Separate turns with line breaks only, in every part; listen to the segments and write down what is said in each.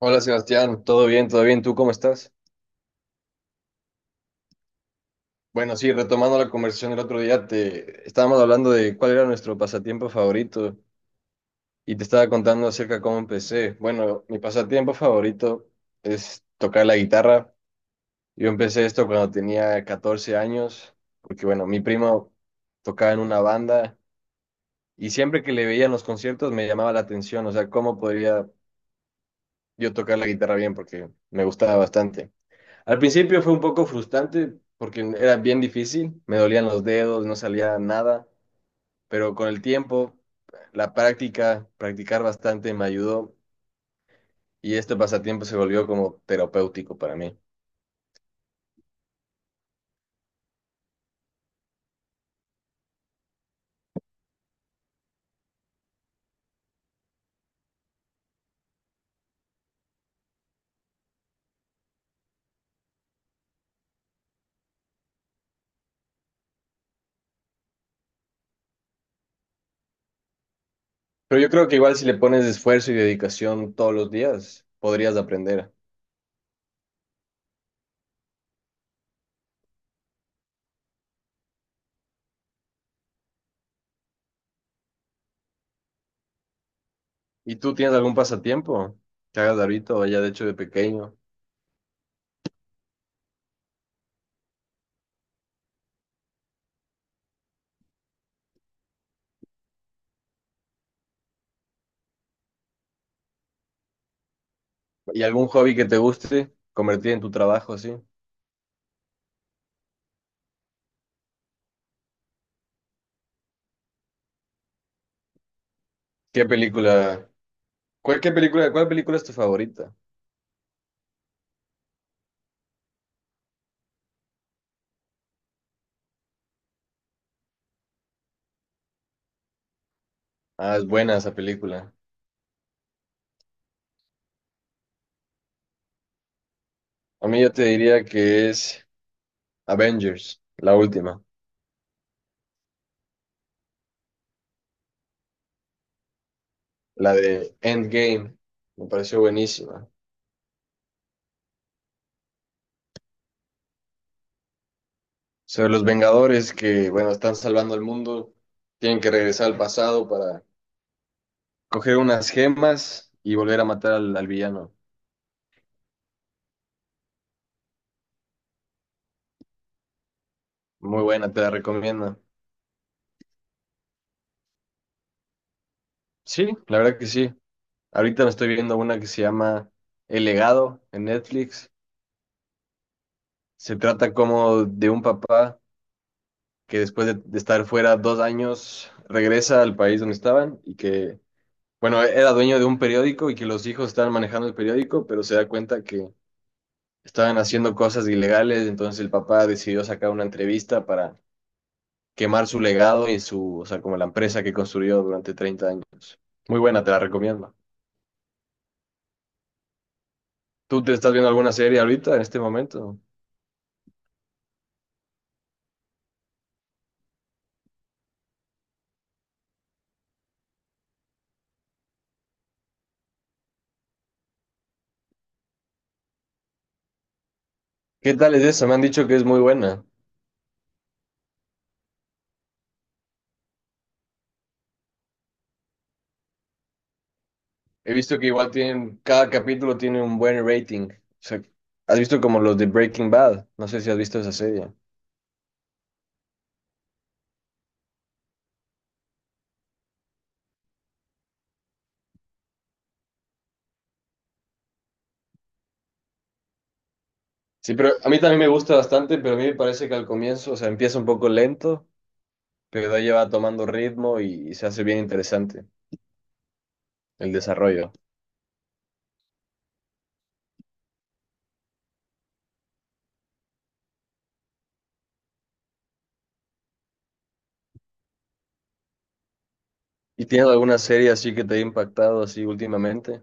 Hola Sebastián, todo bien, ¿tú cómo estás? Bueno, sí, retomando la conversación del otro día, te estábamos hablando de cuál era nuestro pasatiempo favorito y te estaba contando acerca de cómo empecé. Bueno, mi pasatiempo favorito es tocar la guitarra. Yo empecé esto cuando tenía 14 años, porque bueno, mi primo tocaba en una banda y siempre que le veía en los conciertos me llamaba la atención, o sea, cómo podría yo tocar la guitarra bien, porque me gustaba bastante. Al principio fue un poco frustrante porque era bien difícil, me dolían los dedos, no salía nada, pero con el tiempo, la práctica, practicar bastante me ayudó y este pasatiempo se volvió como terapéutico para mí. Pero yo creo que igual si le pones esfuerzo y dedicación todos los días, podrías aprender. ¿Y tú tienes algún pasatiempo que hagas ahorita o ya de hecho de pequeño? ¿Y algún hobby que te guste convertir en tu trabajo así? ¿Qué película? ¿Cuál, qué película, cuál película es tu favorita? Ah, es buena esa película. A mí yo te diría que es Avengers, la última, la de Endgame. Me pareció buenísima. Sobre los Vengadores que, bueno, están salvando al mundo, tienen que regresar al pasado para coger unas gemas y volver a matar al villano. Muy buena, te la recomiendo. Sí, la verdad que sí. Ahorita me estoy viendo una que se llama El Legado en Netflix. Se trata como de un papá que después de estar fuera dos años regresa al país donde estaban y que bueno, era dueño de un periódico y que los hijos estaban manejando el periódico, pero se da cuenta que estaban haciendo cosas ilegales, entonces el papá decidió sacar una entrevista para quemar su legado y su, o sea, como la empresa que construyó durante 30 años. Muy buena, te la recomiendo. ¿Tú te estás viendo alguna serie ahorita en este momento? ¿Qué tal es esa? Me han dicho que es muy buena. He visto que igual tienen, cada capítulo tiene un buen rating. O sea, has visto como los de Breaking Bad. No sé si has visto esa serie. Sí, pero a mí también me gusta bastante, pero a mí me parece que al comienzo, o sea, empieza un poco lento, pero de ahí ya va tomando ritmo y se hace bien interesante el desarrollo. ¿Y tienes alguna serie así que te haya impactado así últimamente?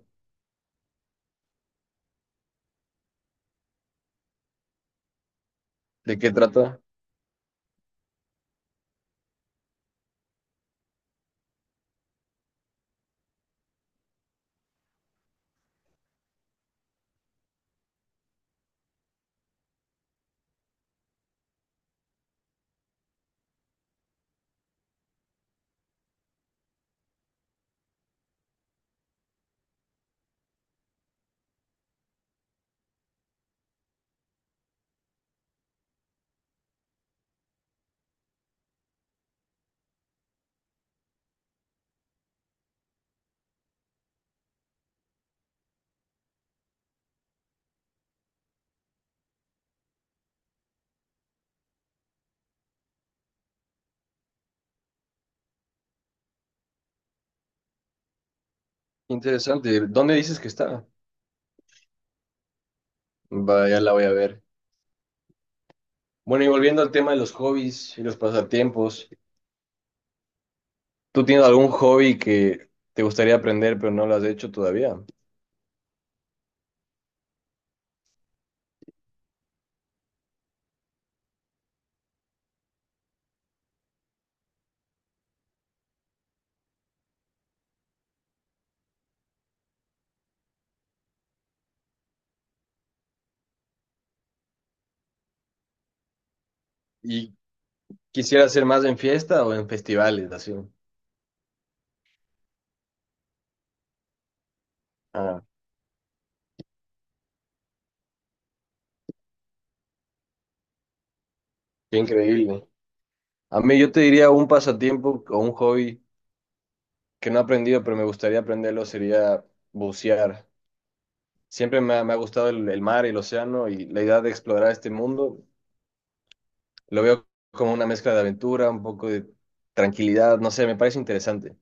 ¿De qué trata? Interesante. ¿Dónde dices que está? Vaya, la voy a ver. Bueno, y volviendo al tema de los hobbies y los pasatiempos, ¿tú tienes algún hobby que te gustaría aprender pero no lo has hecho todavía? ¿Y quisieras hacer más en fiesta o en festivales, así? Ah, qué increíble. A mí yo te diría un pasatiempo o un hobby que no he aprendido, pero me gustaría aprenderlo, sería bucear. Siempre me ha gustado el mar y el océano y la idea de explorar este mundo. Lo veo como una mezcla de aventura, un poco de tranquilidad, no sé, me parece interesante.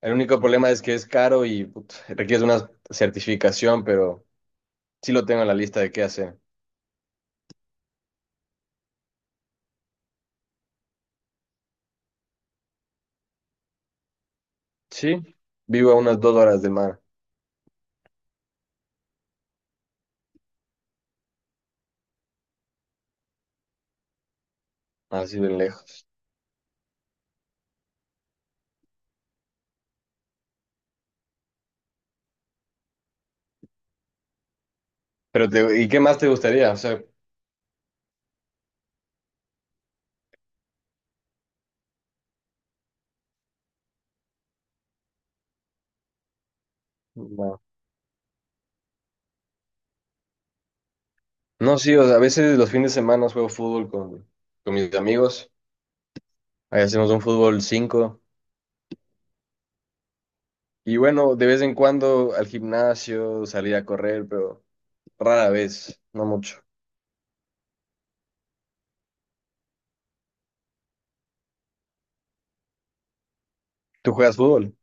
El único problema es que es caro y put, requiere una certificación, pero sí lo tengo en la lista de qué hacer. Sí, vivo a unas 2 horas de mar, así de lejos. Pero te- ¿y qué más te gustaría? O sea, no. No, sí, o sea, a veces los fines de semana juego fútbol con mis amigos. Ahí hacemos un fútbol cinco. Y bueno, de vez en cuando al gimnasio, salir a correr, pero rara vez, no mucho. ¿Tú juegas fútbol?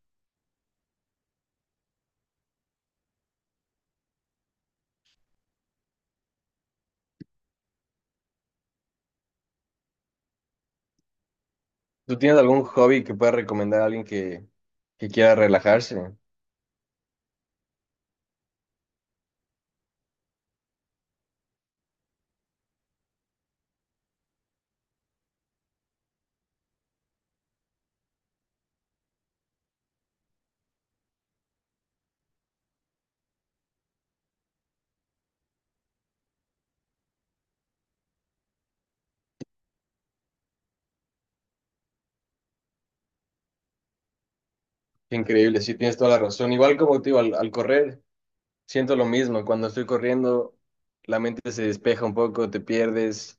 ¿Tú tienes algún hobby que puedas recomendar a alguien que quiera relajarse? Qué increíble, sí, tienes toda la razón. Igual como te digo, al, al correr, siento lo mismo. Cuando estoy corriendo, la mente se despeja un poco, te pierdes,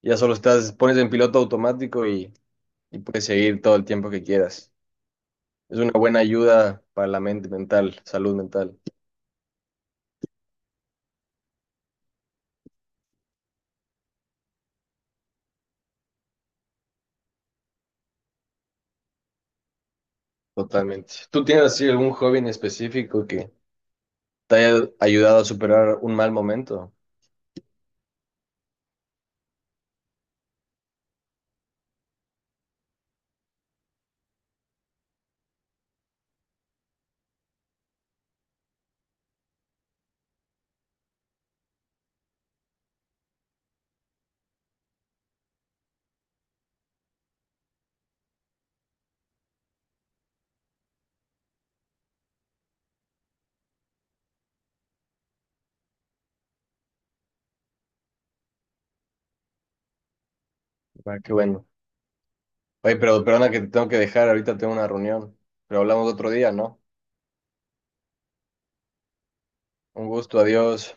ya solo estás, pones en piloto automático y puedes seguir todo el tiempo que quieras. Es una buena ayuda para la mente mental, salud mental, totalmente. ¿Tú tienes así algún hobby en específico que te haya ayudado a superar un mal momento? Ah, qué bueno. Oye, pero perdona que te tengo que dejar, ahorita tengo una reunión, pero hablamos otro día, ¿no? Un gusto, adiós.